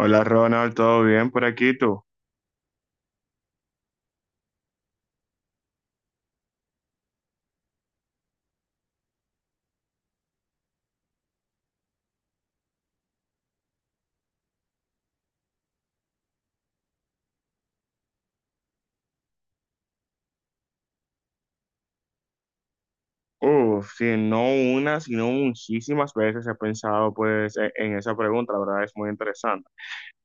Hola Ronald, ¿todo bien por aquí tú? Uf, sí, no una, sino muchísimas veces he pensado pues en esa pregunta, la verdad es muy interesante.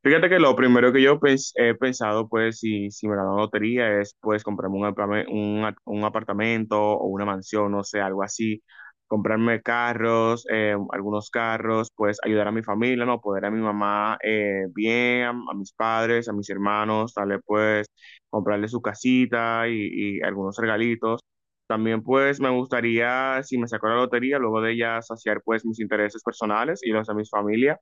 Fíjate que lo primero que yo he pensado, pues, si me la dan lotería, es, pues, comprarme un, un apartamento o una mansión, no sé, algo así. Comprarme carros, algunos carros, pues, ayudar a mi familia, ¿no? Poder a mi mamá bien, a mis padres, a mis hermanos, darle, pues, comprarle su casita y algunos regalitos. También, pues, me gustaría, si me saco la lotería, luego de ella saciar, pues, mis intereses personales y los de mi familia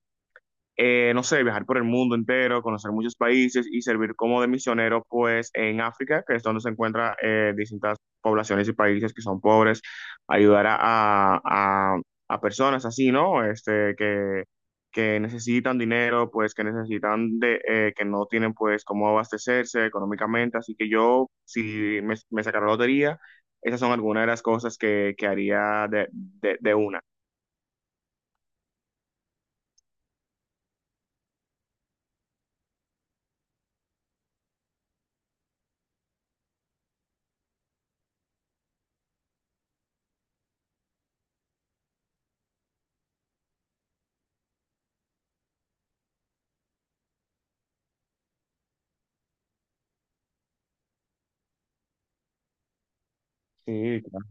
no sé, viajar por el mundo entero, conocer muchos países y servir como de misionero, pues en África, que es donde se encuentran distintas poblaciones y países que son pobres, ayudar a- a- a personas así, ¿no? Este, que necesitan dinero, pues que necesitan de, que no tienen pues cómo abastecerse económicamente, así que yo, si me sacara la lotería, esas son algunas de las cosas que haría de una. Sí, claro.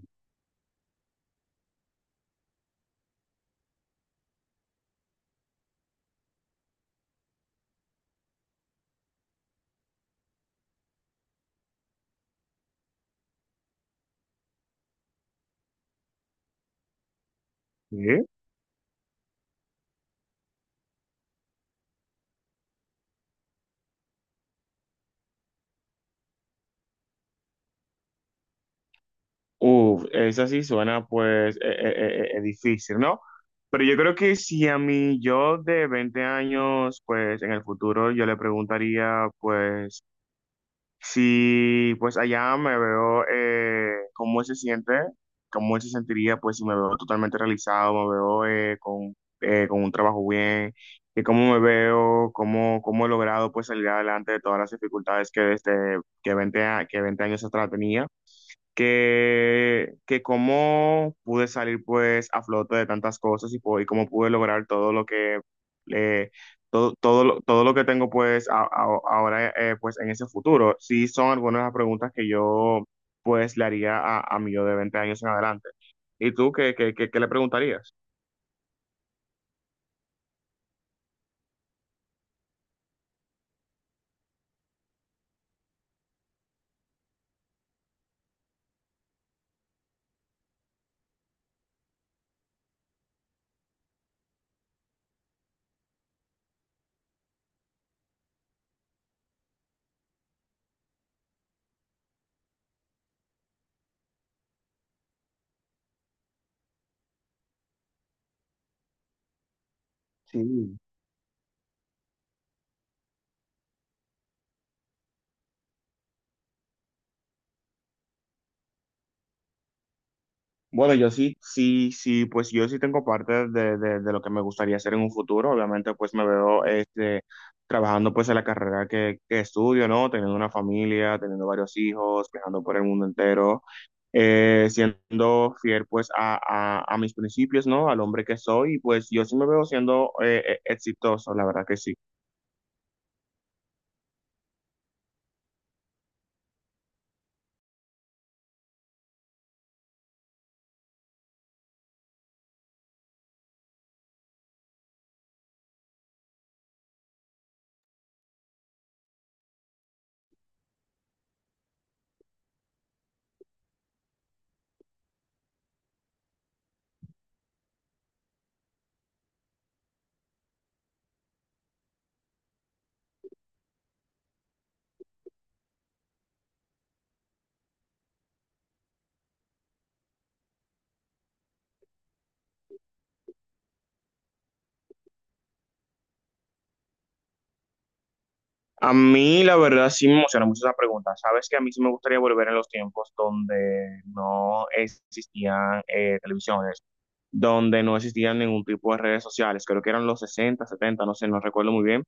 Sí. Uf, esa sí suena pues difícil, ¿no? Pero yo creo que si a mí yo de 20 años, pues en el futuro yo le preguntaría pues si pues allá me veo, cómo él se siente, cómo él se sentiría pues si me veo totalmente realizado, me veo con un trabajo bien, y cómo me veo, cómo he logrado pues salir adelante de todas las dificultades que desde que 20 años atrás tenía que cómo pude salir pues a flote de tantas cosas y y cómo pude lograr todo lo que eh, todo lo que tengo pues ahora pues en ese futuro. Sí son algunas de las preguntas que yo pues le haría a mi yo de 20 años en adelante. ¿Y tú qué le preguntarías? Sí. Bueno, yo sí, pues yo sí tengo parte de, de lo que me gustaría hacer en un futuro. Obviamente, pues me veo este, trabajando pues en la carrera que estudio, ¿no? Teniendo una familia, teniendo varios hijos, viajando por el mundo entero, siendo fiel pues a, a mis principios, ¿no? Al hombre que soy, y pues yo sí me veo siendo exitoso, la verdad que sí. A mí, la verdad, sí me emociona mucho esa pregunta. Sabes que a mí sí me gustaría volver en los tiempos donde no existían televisiones donde no existían ningún tipo de redes sociales, creo que eran los 60 setenta, no sé, no recuerdo muy bien,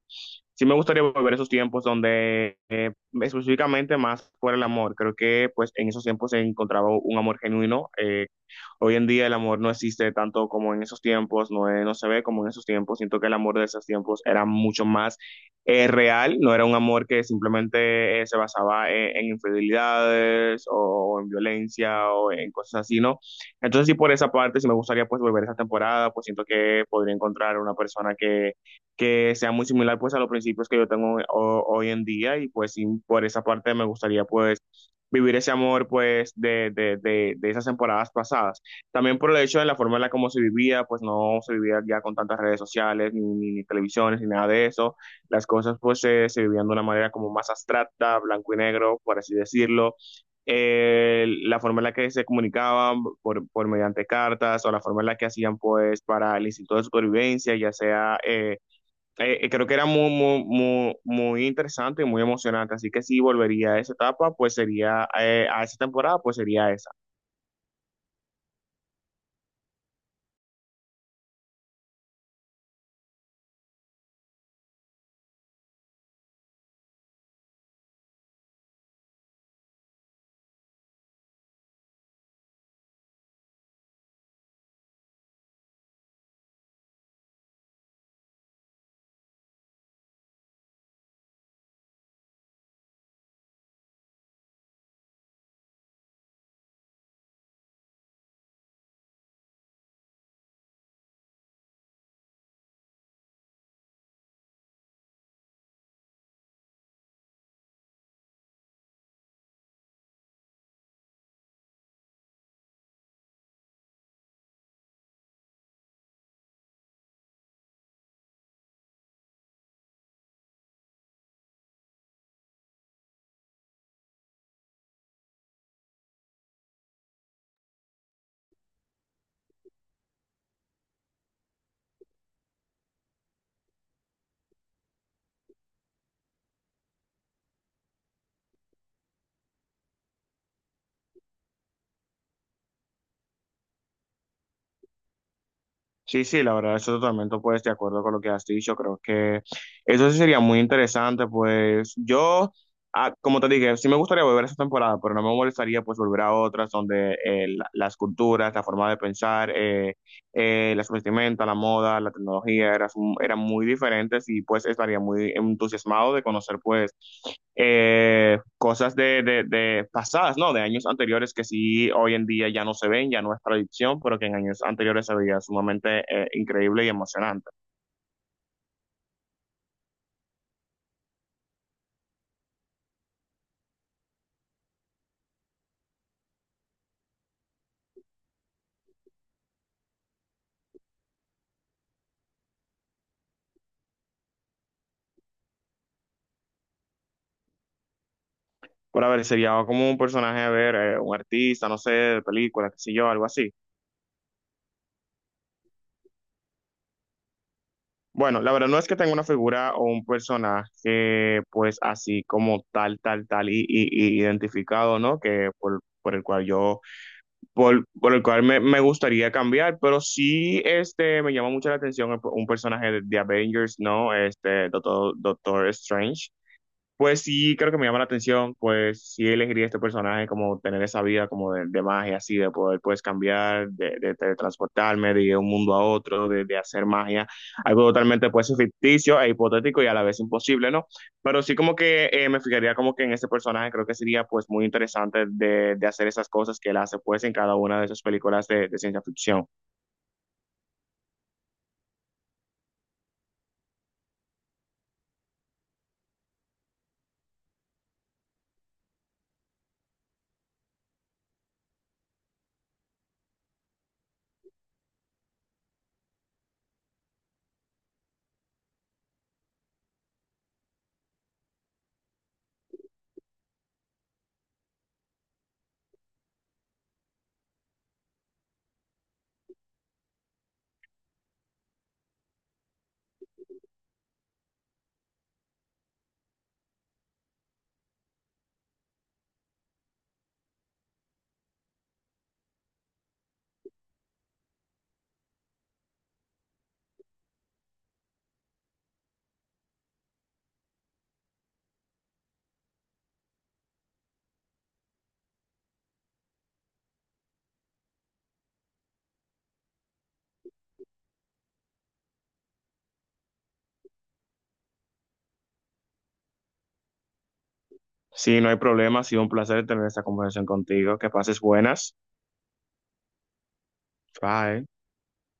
sí me gustaría volver a esos tiempos donde específicamente más fuera el amor. Creo que pues en esos tiempos se encontraba un amor genuino. Hoy en día el amor no existe tanto como en esos tiempos, no, no se ve como en esos tiempos. Siento que el amor de esos tiempos era mucho más real, no era un amor que simplemente se basaba en infidelidades o, en violencia o en cosas así, ¿no? Entonces sí por esa parte sí me gustaría pues volver a esa temporada, pues siento que podría encontrar una persona que sea muy similar pues a los principios que yo tengo hoy en día y pues sí, por esa parte me gustaría pues vivir ese amor pues de esas temporadas pasadas. También por el hecho de la forma en la como se vivía, pues no se vivía ya con tantas redes sociales, ni televisiones, ni nada de eso. Las cosas pues se vivían de una manera como más abstracta, blanco y negro, por así decirlo. La forma en la que se comunicaban por mediante cartas o la forma en la que hacían pues para el instinto de supervivencia, ya sea creo que era muy interesante y muy emocionante. Así que si volvería a esa etapa, pues sería, a esa temporada, pues sería esa. Sí, sí, la verdad, eso totalmente, pues, de acuerdo con lo que has dicho. Creo que eso sí sería muy interesante, pues, yo, ah, como te dije, sí me gustaría volver a esa temporada, pero no me molestaría, pues, volver a otras donde las culturas, la forma de pensar, las vestimentas, la moda, la tecnología eran muy diferentes y pues estaría muy entusiasmado de conocer pues cosas de pasadas, ¿no? De años anteriores que sí hoy en día ya no se ven, ya no es tradición, pero que en años anteriores se veía sumamente increíble y emocionante. Por haber, sería como un personaje, a ver, un artista, no sé, de película, qué sé yo, algo así. Bueno, la verdad no es que tenga una figura o un personaje pues así como tal y identificado, ¿no? Que por el cual yo, por el cual me gustaría cambiar, pero sí este, me llama mucho la atención un personaje de Avengers, ¿no? Este, Doctor Strange. Pues sí, creo que me llama la atención, pues sí elegiría este personaje como tener esa vida como de magia, así, de poder pues cambiar, teletransportarme de un mundo a otro, de hacer magia, algo totalmente pues ficticio e hipotético y a la vez imposible, ¿no? Pero sí como que me fijaría como que en ese personaje creo que sería pues muy interesante de hacer esas cosas que él hace pues en cada una de esas películas de ciencia ficción. Sí, no hay problema, ha sido un placer tener esta conversación contigo, que pases buenas. Bye.